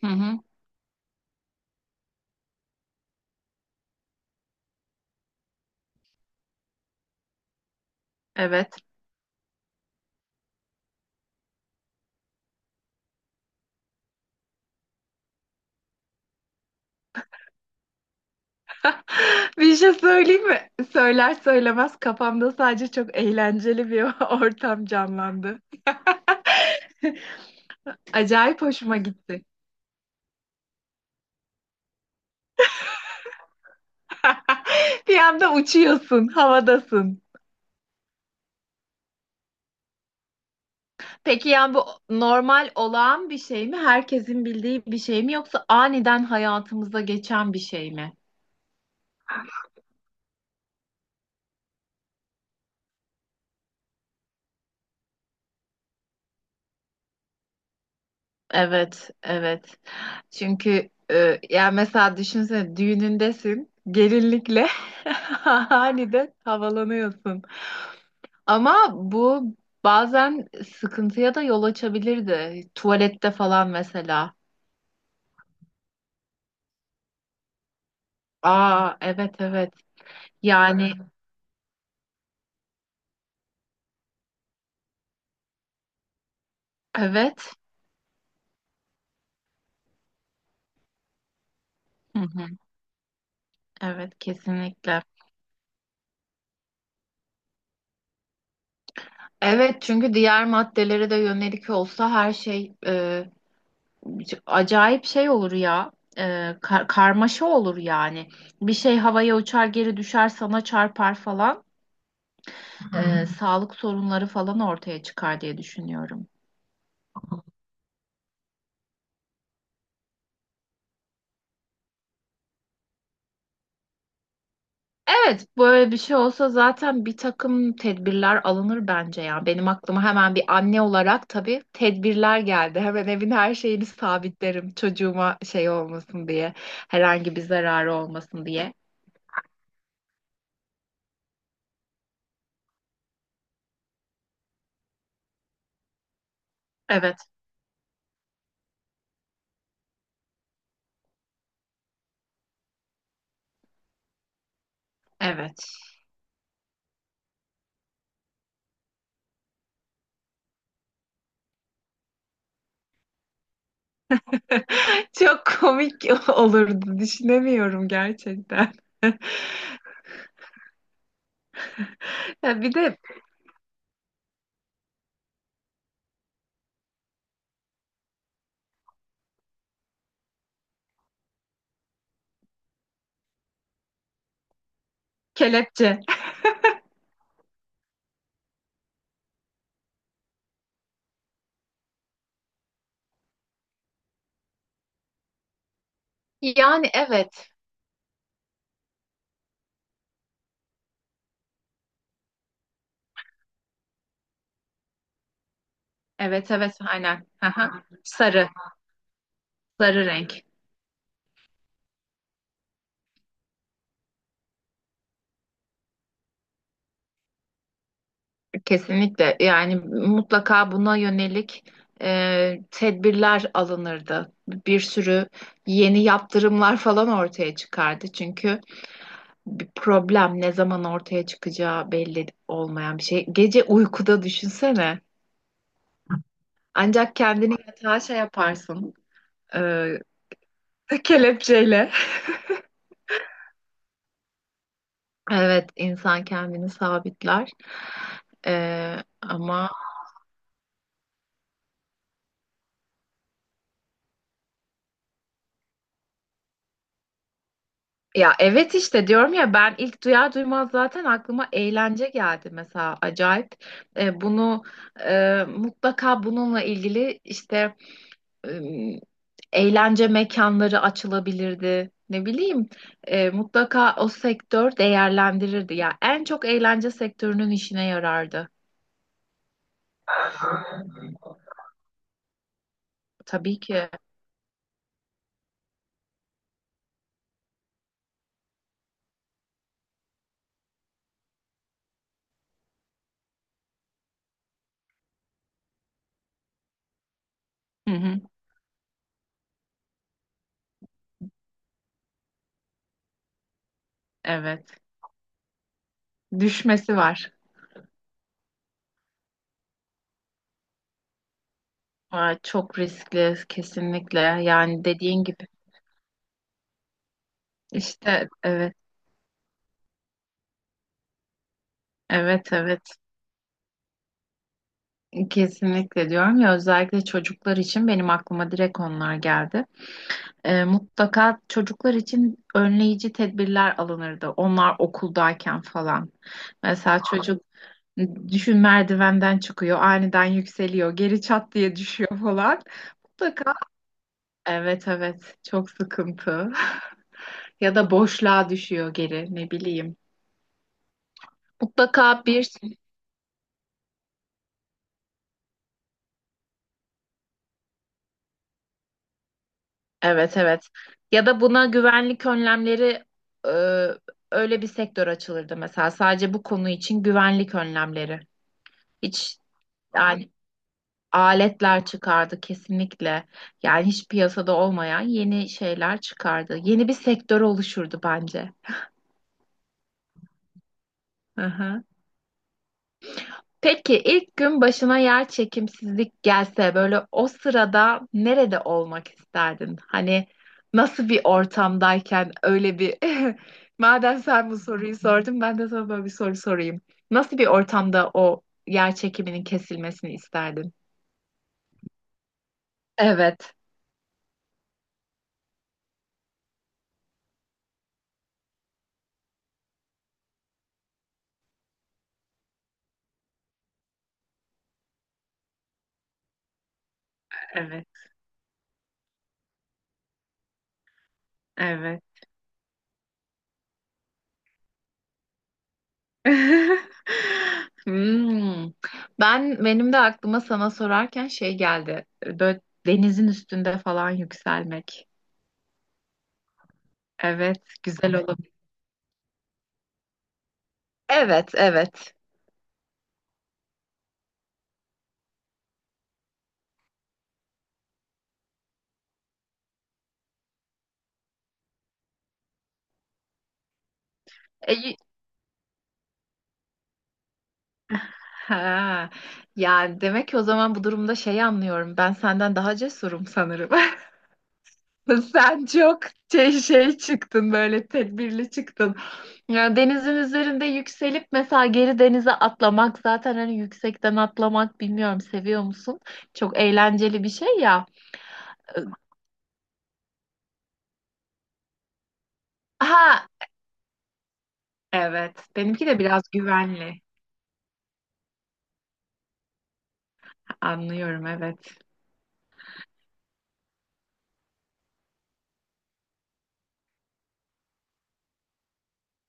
Hı hı. Evet. Bir şey söyleyeyim mi? Söyler söylemez kafamda sadece çok eğlenceli bir ortam canlandı. Acayip hoşuma gitti. Bir anda uçuyorsun, havadasın. Peki yani bu normal olağan bir şey mi? Herkesin bildiği bir şey mi yoksa aniden hayatımıza geçen bir şey mi? Evet, evet. Çünkü yani mesela düşünsene düğünündesin, gelinlikle aniden havalanıyorsun. Ama bu bazen sıkıntıya da yol açabilirdi. Tuvalette falan mesela. Aa, evet, evet. Yani evet. Hı hı, evet, kesinlikle. Evet, çünkü diğer maddelere de yönelik olsa her şey acayip şey olur ya. Karmaşa olur yani. Bir şey havaya uçar, geri düşer, sana çarpar falan. E, Sağlık sorunları falan ortaya çıkar diye düşünüyorum. Evet, böyle bir şey olsa zaten bir takım tedbirler alınır bence ya. Benim aklıma hemen bir anne olarak tabii tedbirler geldi. Hemen evin her şeyini sabitlerim çocuğuma şey olmasın diye, herhangi bir zararı olmasın diye. Evet, evet. Çok komik olurdu, düşünemiyorum gerçekten. Ya bir de kelepçe. Yani evet, evet, evet, aynen. Aha. Sarı, sarı renk. Kesinlikle yani mutlaka buna yönelik tedbirler alınırdı. Bir sürü yeni yaptırımlar falan ortaya çıkardı. Çünkü bir problem ne zaman ortaya çıkacağı belli olmayan bir şey. Gece uykuda düşünsene. Ancak kendini yatağa şey yaparsın, e, kelepçeyle. Evet, insan kendini sabitler. E, ama Ya evet, işte diyorum ya, ben ilk duyar duymaz zaten aklıma eğlence geldi mesela, acayip. Bunu mutlaka bununla ilgili işte e, eğlence mekanları açılabilirdi. Ne bileyim, mutlaka o sektör değerlendirirdi. Ya en çok eğlence sektörünün işine yarardı. Tabii ki. Hı hı, evet. Düşmesi var. Aa, çok riskli, kesinlikle. Yani dediğin gibi. İşte evet. Evet, evet. Kesinlikle diyorum ya, özellikle çocuklar için benim aklıma direkt onlar geldi. Mutlaka çocuklar için önleyici tedbirler alınırdı. Onlar okuldayken falan. Mesela çocuk düşün, merdivenden çıkıyor, aniden yükseliyor, geri çat diye düşüyor falan. Mutlaka, evet, evet, çok sıkıntı. Ya da boşluğa düşüyor geri, ne bileyim. Mutlaka bir evet, evet. Ya da buna güvenlik önlemleri, e, öyle bir sektör açılırdı mesela. Sadece bu konu için güvenlik önlemleri. Hiç, yani aletler çıkardı kesinlikle. Yani hiç piyasada olmayan yeni şeyler çıkardı. Yeni bir sektör oluşurdu bence. Hı hı. Peki ilk gün başına yer çekimsizlik gelse böyle o sırada nerede olmak isterdin? Hani nasıl bir ortamdayken öyle bir madem sen bu soruyu sordun, ben de sana böyle bir soru sorayım. Nasıl bir ortamda o yer çekiminin kesilmesini isterdin? Evet, evet, evet. Hmm. Benim de aklıma sana sorarken şey geldi. Böyle denizin üstünde falan yükselmek. Evet, güzel olur. Evet, evet. E, y- ha. Yani demek ki o zaman bu durumda şeyi anlıyorum. Ben senden daha cesurum sanırım. Sen çok şey çıktın, böyle tedbirli çıktın. Yani denizin üzerinde yükselip mesela geri denize atlamak, zaten hani yüksekten atlamak, bilmiyorum, seviyor musun? Çok eğlenceli bir şey ya. Ha evet. Benimki de biraz güvenli. Anlıyorum, evet.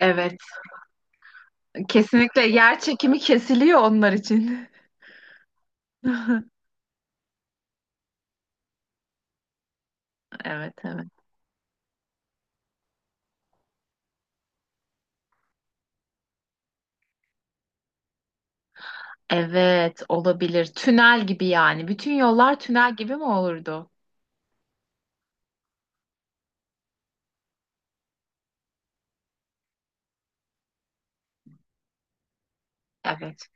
Evet. Kesinlikle yer çekimi kesiliyor onlar için. Evet, evet. Evet, olabilir. Tünel gibi yani. Bütün yollar tünel gibi mi olurdu? Evet.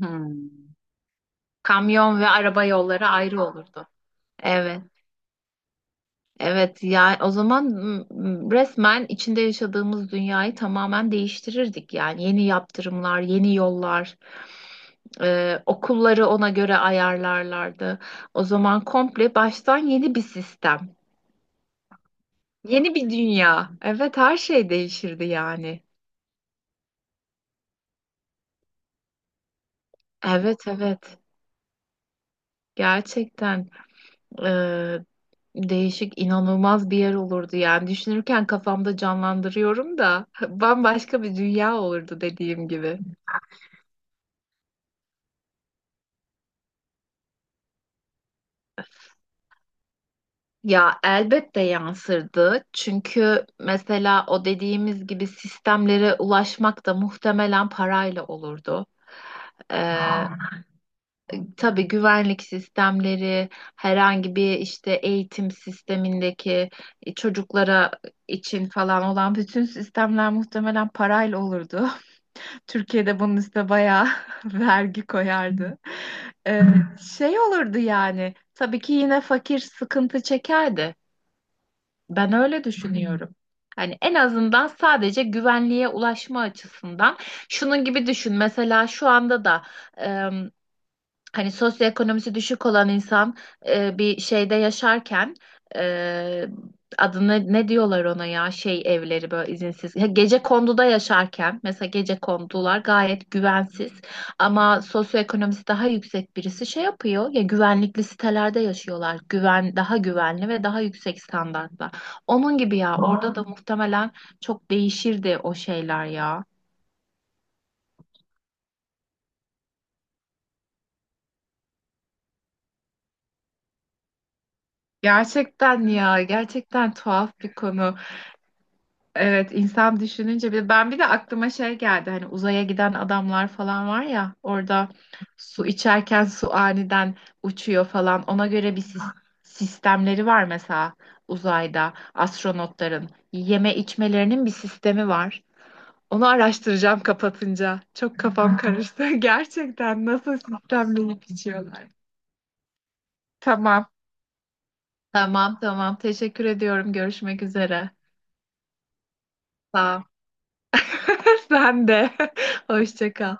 Hmm. Kamyon ve araba yolları ayrı olurdu. Evet. Evet ya, o zaman mm, resmen içinde yaşadığımız dünyayı tamamen değiştirirdik yani, yeni yaptırımlar, yeni yollar, okulları ona göre ayarlarlardı. O zaman komple baştan yeni bir sistem, yeni bir dünya. Evet, her şey değişirdi yani. Evet, evet. Gerçekten eee, değişik, inanılmaz bir yer olurdu yani. Düşünürken kafamda canlandırıyorum da bambaşka bir dünya olurdu dediğim gibi. Ya elbette yansırdı. Çünkü mesela o dediğimiz gibi sistemlere ulaşmak da muhtemelen parayla olurdu. Ee, tabii güvenlik sistemleri, herhangi bir işte eğitim sistemindeki çocuklara için falan olan bütün sistemler muhtemelen parayla olurdu. Türkiye'de bunun üstüne bayağı vergi koyardı. Ee, Şey olurdu yani. Tabii ki yine fakir sıkıntı çekerdi. Ben öyle düşünüyorum. Hani en azından sadece güvenliğe ulaşma açısından. Şunun gibi düşün. Mesela şu anda da hani sosyoekonomisi düşük olan insan bir şeyde yaşarken e, adını ne diyorlar ona, ya şey evleri, böyle izinsiz, ya gece konduda yaşarken mesela, gece kondular gayet güvensiz ama sosyoekonomisi daha yüksek birisi şey yapıyor ya, güvenlikli sitelerde yaşıyorlar, güven daha güvenli ve daha yüksek standartta, onun gibi ya, orada da muhtemelen çok değişirdi o şeyler ya. Gerçekten ya, gerçekten tuhaf bir konu. Evet, insan düşününce, bir ben bir de aklıma şey geldi, hani uzaya giden adamlar falan var ya, orada su içerken su aniden uçuyor falan, ona göre bir sistemleri var mesela, uzayda astronotların yeme içmelerinin bir sistemi var. Onu araştıracağım kapatınca. Çok kafam karıştı. Gerçekten nasıl sistemleyip içiyorlar. Tamam. Tamam, tamam. Teşekkür ediyorum. Görüşmek üzere. Sağ ol. Sen de. Hoşça kal.